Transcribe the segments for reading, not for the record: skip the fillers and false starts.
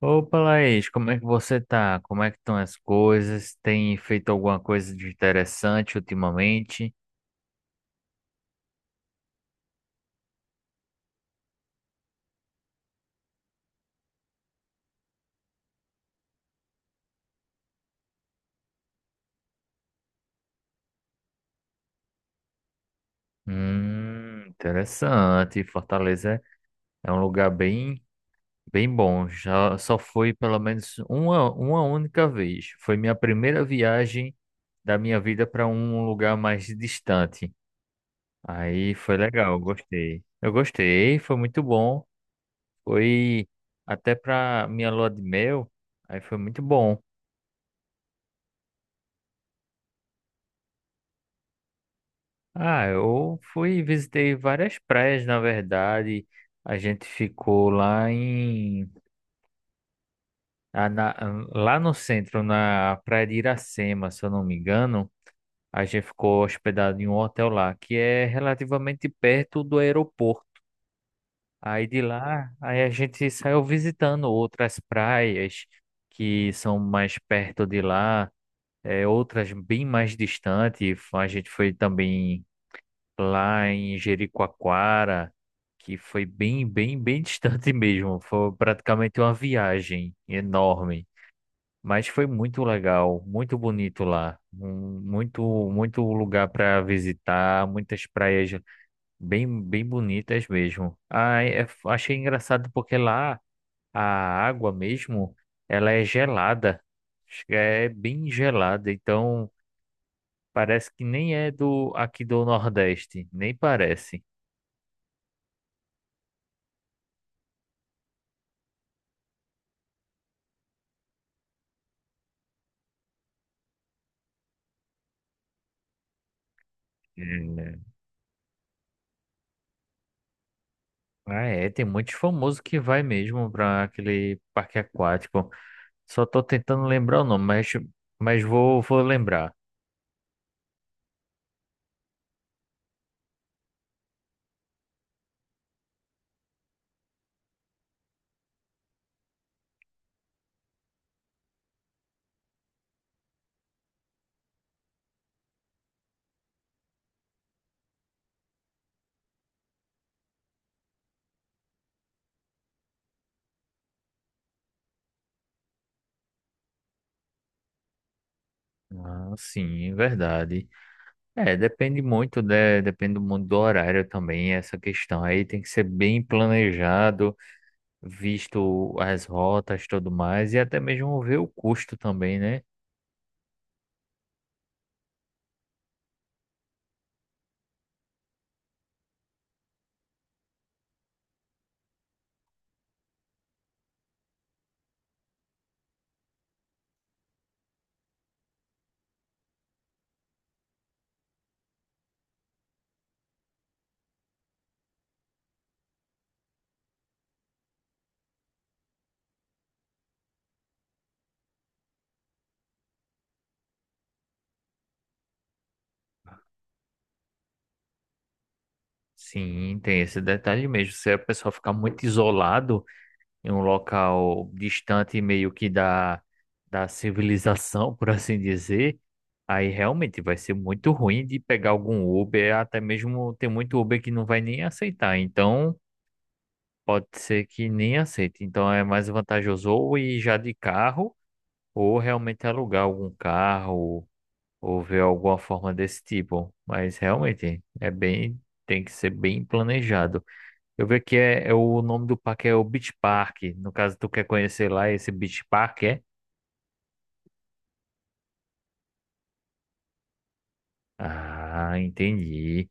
Opa, Laís, como é que você tá? Como é que estão as coisas? Tem feito alguma coisa de interessante ultimamente? Interessante. Fortaleza é um lugar bem, bem bom. Já só fui pelo menos uma única vez. Foi minha primeira viagem da minha vida para um lugar mais distante. Aí foi legal, gostei. Eu gostei, foi muito bom. Foi até para minha lua de mel. Aí foi muito bom. Ah, eu fui e visitei várias praias, na verdade. A gente ficou lá em a- na- lá no centro, na praia de Iracema, se eu não me engano. A gente ficou hospedado em um hotel lá, que é relativamente perto do aeroporto. Aí de lá, aí a gente saiu visitando outras praias que são mais perto de lá, é, outras bem mais distantes. A gente foi também lá em Jericoacoara, que foi bem, bem, bem distante mesmo. Foi praticamente uma viagem enorme, mas foi muito legal, muito bonito lá. Muito, muito lugar para visitar, muitas praias bem, bem bonitas mesmo. Ah, achei engraçado porque lá a água mesmo, ela é gelada. É bem gelada, então parece que nem é do aqui do Nordeste, nem parece. Ah, é, tem muitos famosos que vai mesmo para aquele parque aquático. Só tô tentando lembrar o nome, mas vou, vou lembrar. Ah, sim, verdade. É, depende muito, né? Depende muito do horário também, essa questão. Aí tem que ser bem planejado, visto as rotas tudo mais, e até mesmo ver o custo também, né? Sim, tem esse detalhe mesmo. Se a pessoa ficar muito isolado em um local distante meio que da civilização, por assim dizer, aí realmente vai ser muito ruim de pegar algum Uber, até mesmo tem muito Uber que não vai nem aceitar, então pode ser que nem aceite. Então é mais vantajoso ou ir já de carro, ou realmente alugar algum carro, ou ver alguma forma desse tipo. Mas realmente é bem, tem que ser bem planejado. Eu vi que é o nome do parque é o Beach Park. No caso, tu quer conhecer lá esse Beach Park, é? Ah, entendi.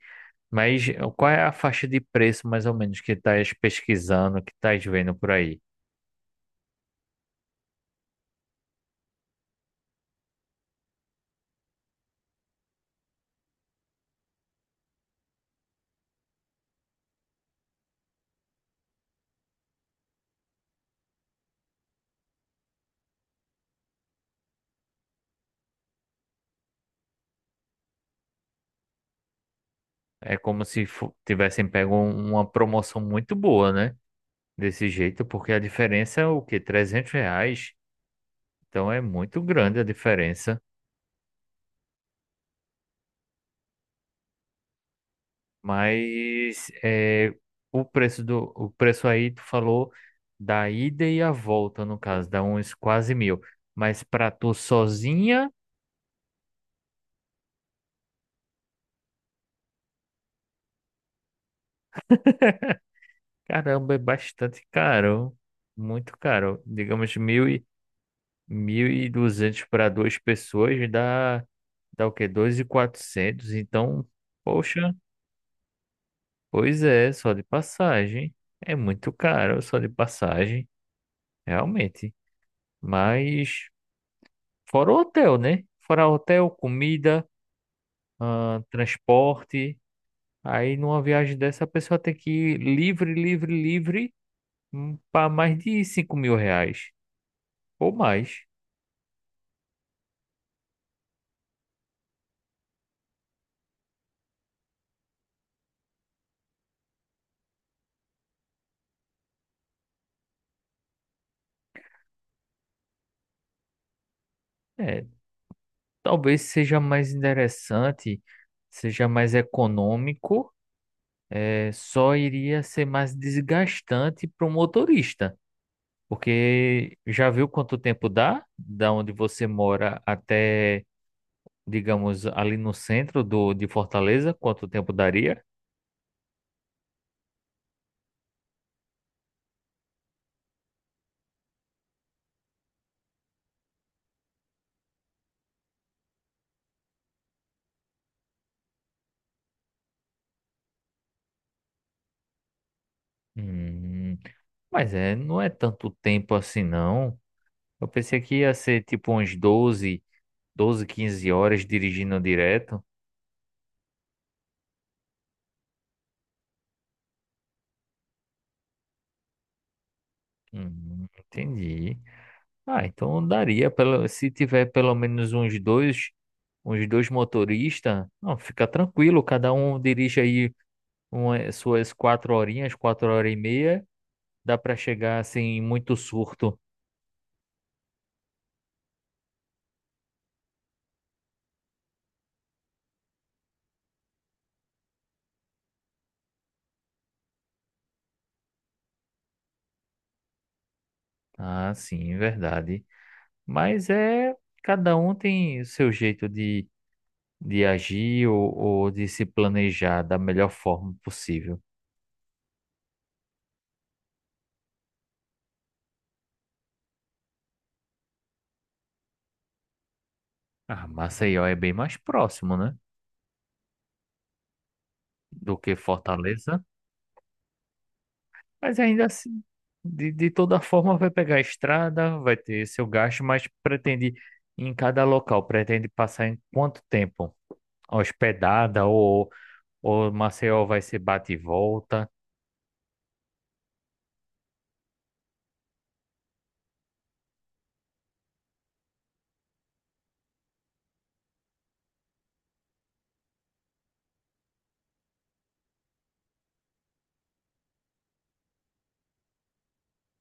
Mas qual é a faixa de preço, mais ou menos, que estás pesquisando, que estás vendo por aí? É como se tivessem pego uma promoção muito boa, né? Desse jeito, porque a diferença é o quê? 300 reais. Então é muito grande a diferença. Mas é, o preço do o preço aí tu falou da ida e a volta, no caso, dá uns quase mil. Mas pra tu sozinha, caramba, é bastante caro. Muito caro. Digamos, 1.200 para duas pessoas dá, dá o quê? 2.400. Então, poxa, pois é, só de passagem. É muito caro, só de passagem, realmente. Mas, fora o hotel, né? Fora hotel, comida, ah, transporte. Aí numa viagem dessa a pessoa tem que ir livre, livre, livre, para mais de 5.000 reais ou mais. É, talvez seja mais interessante, seja mais econômico, é, só iria ser mais desgastante para o motorista. Porque já viu quanto tempo dá, da onde você mora até, digamos, ali no centro de Fortaleza, quanto tempo daria? Hum, mas é, não é tanto tempo assim, não. Eu pensei que ia ser tipo uns 12, 15 horas dirigindo direto. Entendi. Ah, então daria, pelo, se tiver pelo menos uns dois motoristas, não, fica tranquilo, cada um dirige aí uma, suas quatro horinhas, 4 horas e meia, dá para chegar sem muito surto. Ah, sim, verdade. Mas é, cada um tem o seu jeito de agir, ou de se planejar da melhor forma possível. Ah, Maceió é bem mais próximo, né? Do que Fortaleza, mas ainda assim, de toda forma, vai pegar a estrada, vai ter seu gasto, mas pretende, em cada local, pretende passar em quanto tempo? Hospedada, ou Maceió vai ser bate e volta?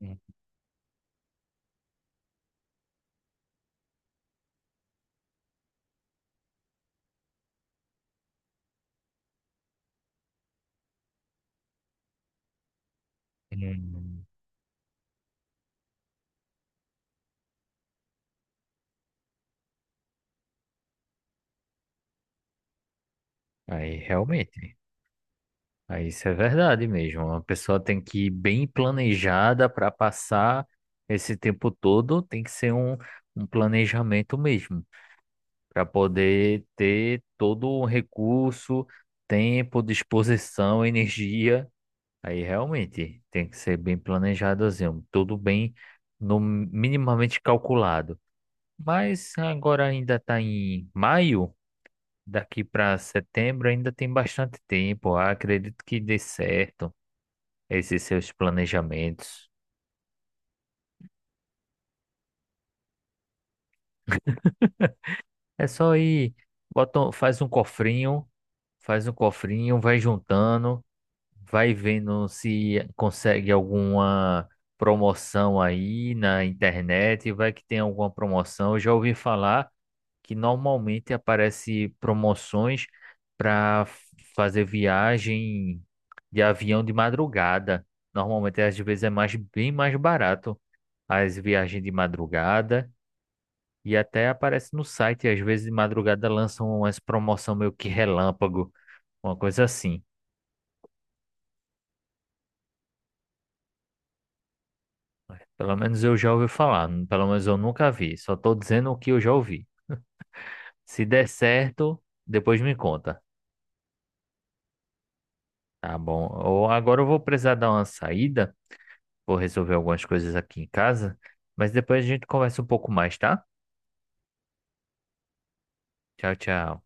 Hum, hum. Aí, realmente. Ah, isso é verdade mesmo. A pessoa tem que ir bem planejada para passar esse tempo todo, tem que ser um planejamento mesmo, para poder ter todo o recurso, tempo, disposição, energia. Aí realmente tem que ser bem planejadozinho, tudo bem no minimamente calculado. Mas agora ainda está em maio, daqui para setembro ainda tem bastante tempo. Ah, acredito que dê certo esses seus planejamentos. É só ir, bota, faz um cofrinho, vai juntando, vai vendo se consegue alguma promoção aí na internet, vai que tem alguma promoção. Eu já ouvi falar que normalmente aparece promoções para fazer viagem de avião de madrugada. Normalmente às vezes é mais bem mais barato as viagens de madrugada. E até aparece no site, às vezes de madrugada lançam umas promoção meio que relâmpago, uma coisa assim. Pelo menos eu já ouvi falar, pelo menos eu nunca vi, só tô dizendo o que eu já ouvi. Se der certo, depois me conta. Tá bom. Ou agora eu vou precisar dar uma saída, vou resolver algumas coisas aqui em casa, mas depois a gente conversa um pouco mais, tá? Tchau, tchau.